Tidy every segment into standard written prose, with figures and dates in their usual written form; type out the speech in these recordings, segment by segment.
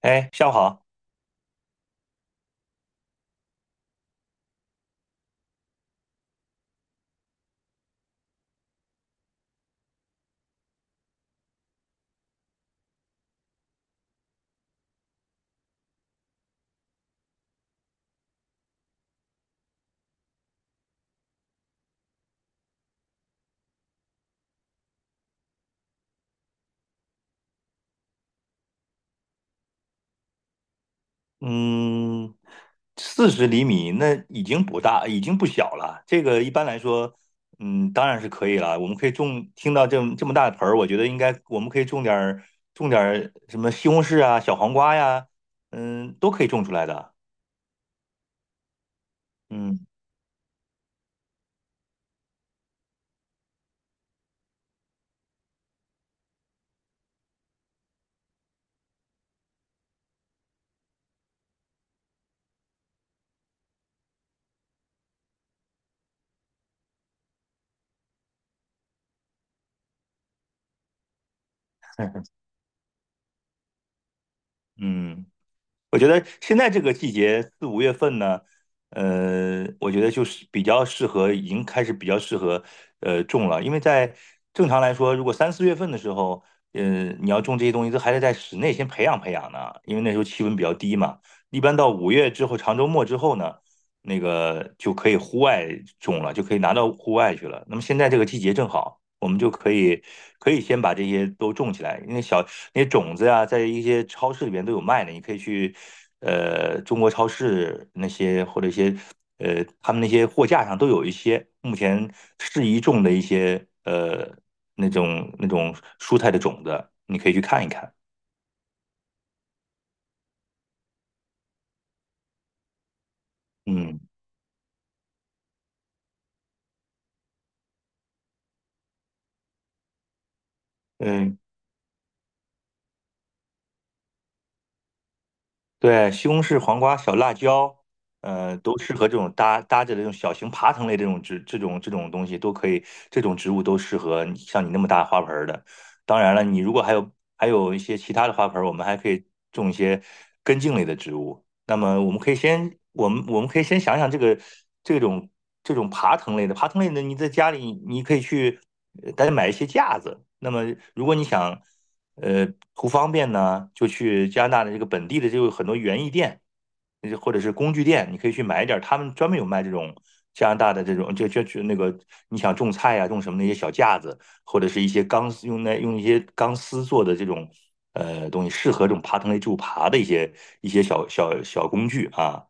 哎，下午好。嗯，40厘米那已经不大，已经不小了。这个一般来说，嗯，当然是可以了。我们可以种，听到这么大的盆儿，我觉得应该我们可以种点儿什么西红柿啊、小黄瓜呀，嗯，都可以种出来的。嗯嗯。我觉得现在这个季节四五月份呢，我觉得就是比较适合，已经开始比较适合种了，因为在正常来说，如果三四月份的时候，呃，你要种这些东西，都还得在室内先培养培养呢，因为那时候气温比较低嘛。一般到五月之后，长周末之后呢，那个就可以户外种了，就可以拿到户外去了。那么现在这个季节正好。我们就可以先把这些都种起来，因为那些种子呀，在一些超市里边都有卖的，你可以去中国超市那些或者一些他们那些货架上都有一些目前适宜种的一些那种蔬菜的种子，你可以去看一看。嗯嗯，对，西红柿、黄瓜、小辣椒，都适合这种搭搭着这种小型爬藤类这种植这种这种东西都可以，这种植物都适合你像你那么大花盆儿的。当然了，你如果还有一些其他的花盆儿，我们还可以种一些根茎类的植物。那么我们可以先我们可以先想想这个这种这种爬藤类的，你在家里你可以去大家买一些架子。那么如果你想呃，图方便呢，就去加拿大的这个本地的就有很多园艺店，或者是工具店，你可以去买一点儿，他们专门有卖这种加拿大的这种，就那个你想种菜呀、种什么那些小架子，或者是一些钢丝用一些钢丝做的这种东西，适合这种爬藤类植物爬的一些小工具啊。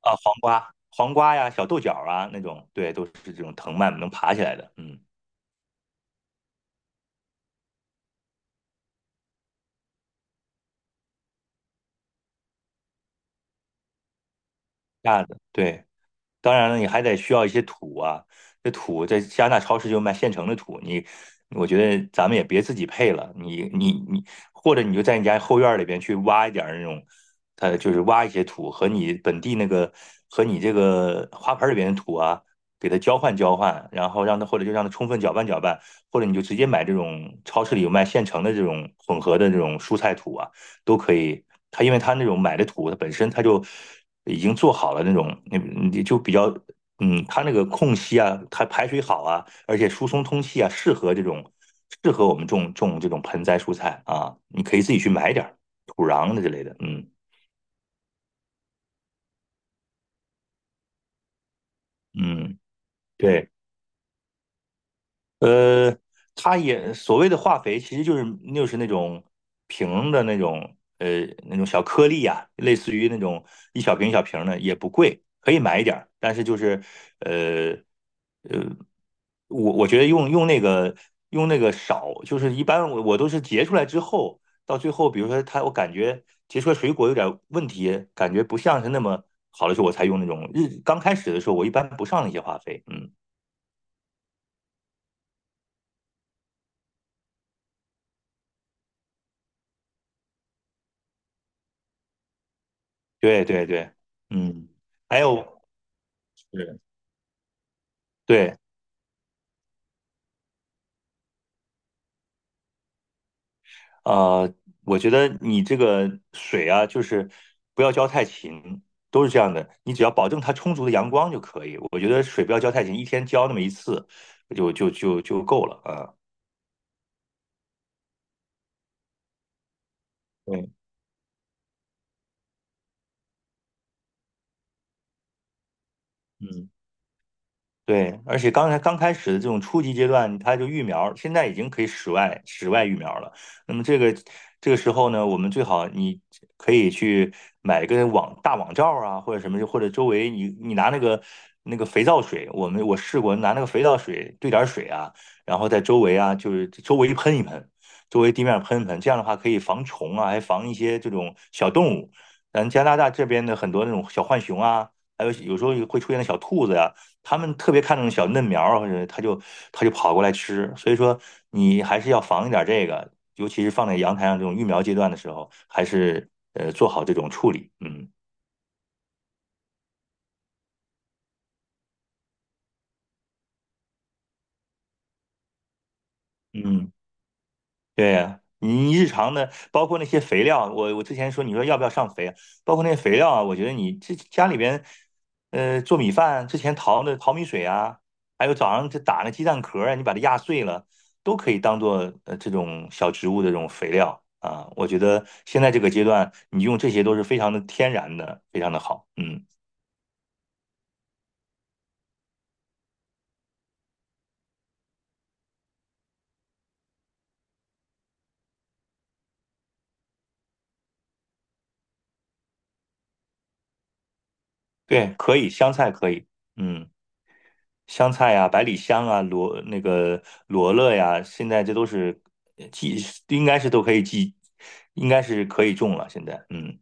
啊，黄瓜呀、小豆角啊那种，对，都是这种藤蔓能爬起来的，嗯，架子，对。当然了，你还得需要一些土啊，这土在加拿大超市就卖现成的土，你我觉得咱们也别自己配了，你你你，或者你就在你家后院里边去挖一点儿那种，它就是挖一些土和你本地那个和你这个花盆里边的土啊，给它交换交换，然后让它或者就让它充分搅拌搅拌，或者你就直接买这种超市里有卖现成的这种混合的这种蔬菜土啊。都可以。它因为它那种买的土，它本身它就已经做好了那种，你就比较，嗯，它那个空隙啊，它排水好啊，而且疏松通气啊，适合这种适合我们种种这种盆栽蔬菜啊。你可以自己去买点儿土壤的之类的，嗯嗯，对。呃，它也所谓的化肥，其实就是那种瓶的那种那种小颗粒呀，类似于那种一小瓶一小瓶的，也不贵，可以买一点儿。但是就是呃呃，我觉得用那个少，就是一般我都是结出来之后，到最后比如说它，我感觉结出来水果有点问题，感觉不像是那么好的时候，我才用那种日刚开始的时候，我一般不上那些化肥，嗯。对对对，嗯，还有对对，呃，我觉得你这个水啊，就是不要浇太勤，都是这样的，你只要保证它充足的阳光就可以。我觉得水不要浇太勤，一天浇那么一次就够了啊。对，嗯。对，而且刚开始的这种初级阶段，它就育苗，现在已经可以室外育苗了。那么这个时候呢，我们最好你可以去买一个大网罩啊，或者什么，或者周围你拿那个肥皂水，我们我试过拿那个肥皂水兑点儿水啊，然后在周围啊，就是周围喷一喷，周围地面喷一喷，这样的话可以防虫啊，还防一些这种小动物。咱加拿大这边的很多那种小浣熊啊，还有有时候会出现的小兔子呀、他们特别看重小嫩苗儿，或者他就跑过来吃。所以说，你还是要防一点这个，尤其是放在阳台上这种育苗阶段的时候，还是做好这种处理。嗯嗯。对呀，你日常的，包括那些肥料，我之前你说要不要上肥啊，包括那些肥料啊，我觉得你这家里边，做米饭之前淘的淘米水啊，还有早上这打那鸡蛋壳啊，你把它压碎了，都可以当做这种小植物的这种肥料啊。我觉得现在这个阶段，你用这些都是非常的天然的，非常的好。嗯，对，可以，香菜可以，嗯。香菜呀、百里香啊、罗那个罗勒呀，现在这都是呃季，应该是都可以应该是可以种了。现在，嗯。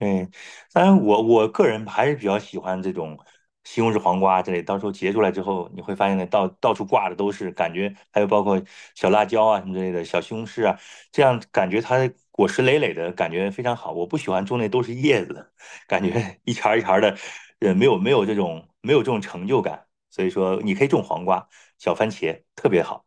嗯，当然我个人还是比较喜欢这种西红柿黄瓜之类，到时候结出来之后，你会发现那到处挂的都是，感觉还有包括小辣椒啊什么之类的，小西红柿啊，这样感觉它果实累累的感觉非常好。我不喜欢种那都是叶子，感觉一茬儿一茬儿的，没有这种成就感。所以说，你可以种黄瓜、小番茄，特别好。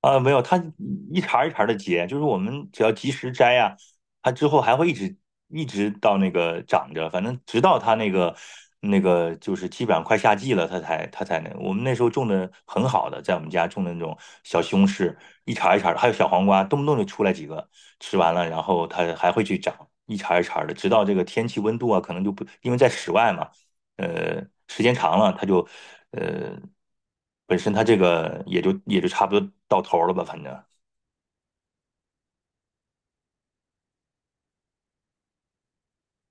啊，没有，它一茬儿一茬的结，就是我们只要及时摘呀、它之后还会一直到那个长着，反正直到它那个那个就是基本上快夏季了，它才那。我们那时候种的很好的，在我们家种的那种小西红柿，一茬儿一茬儿的，还有小黄瓜，动不动就出来几个，吃完了然后它还会去长，一茬儿一茬儿的，直到这个天气温度啊，可能就不因为在室外嘛。呃，时间长了，他就呃，本身他这个也就差不多到头儿了吧，反正。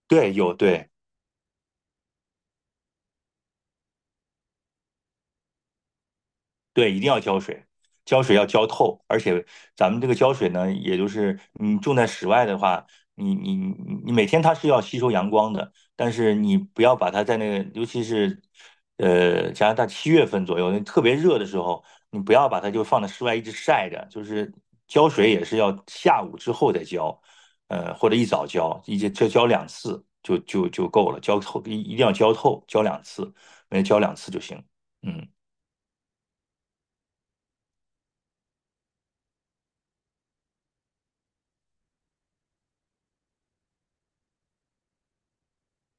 对，有对。对，一定要浇水，浇水要浇透，而且咱们这个浇水呢，也就是你种在室外的话，你你你你每天它是要吸收阳光的，但是你不要把它在那个，尤其是加拿大7月份左右，那特别热的时候，你不要把它就放在室外一直晒着，就是浇水也是要下午之后再浇，或者一早浇，一直浇浇两次就够了，浇透一定要浇透，浇两次，每天浇两次就行，嗯。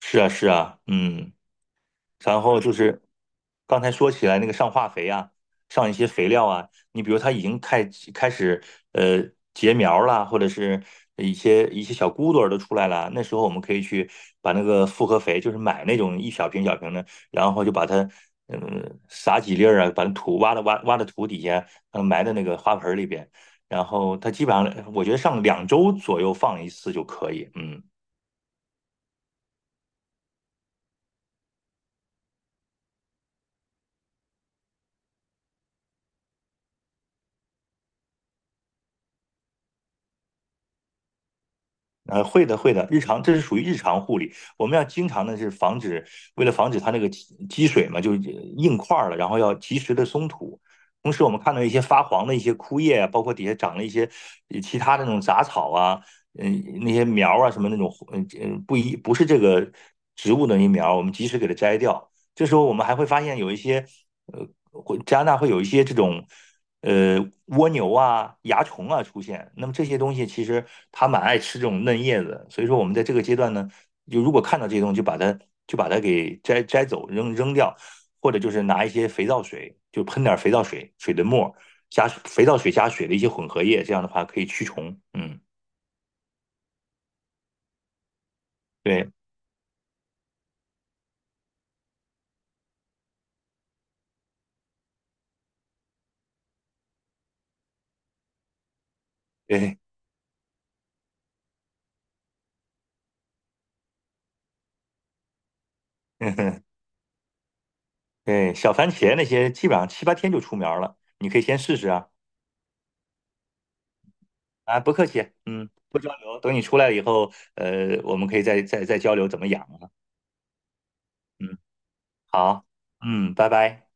是啊，是啊，嗯，然后就是刚才说起来那个上化肥啊，上一些肥料啊，你比如它已经开始呃结苗啦，或者是一些小骨朵儿都出来了，那时候我们可以去把那个复合肥，就是买那种一小瓶小瓶的，然后就把它撒几粒儿啊，把那土挖的挖挖的土底下，埋在那个花盆儿里边，然后它基本上我觉得上2周左右放一次就可以，嗯。会的，会的，日常这是属于日常护理，我们要经常的是防止，为了防止它那个积水嘛，就是硬块儿了，然后要及时的松土。同时，我们看到一些发黄的一些枯叶啊，包括底下长了一些其他的那种杂草啊，嗯，那些苗啊什么那种，嗯嗯，不是这个植物的那些苗我们及时给它摘掉。这时候我们还会发现有一些，呃，加拿大会有一些这种呃蜗牛啊、蚜虫啊出现。那么这些东西其实它蛮爱吃这种嫩叶子，所以说我们在这个阶段呢，就如果看到这些东西，就把它给摘摘走、扔扔掉，或者就是拿一些肥皂水，就喷点肥皂水、水的沫加肥皂水加水的一些混合液，这样的话可以驱虫。嗯，对对，对，小番茄那些基本上7、8天就出苗了，你可以先试试啊。啊，不客气，嗯，不交流，等你出来以后，我们可以再交流怎么养啊。嗯，好，嗯，拜拜。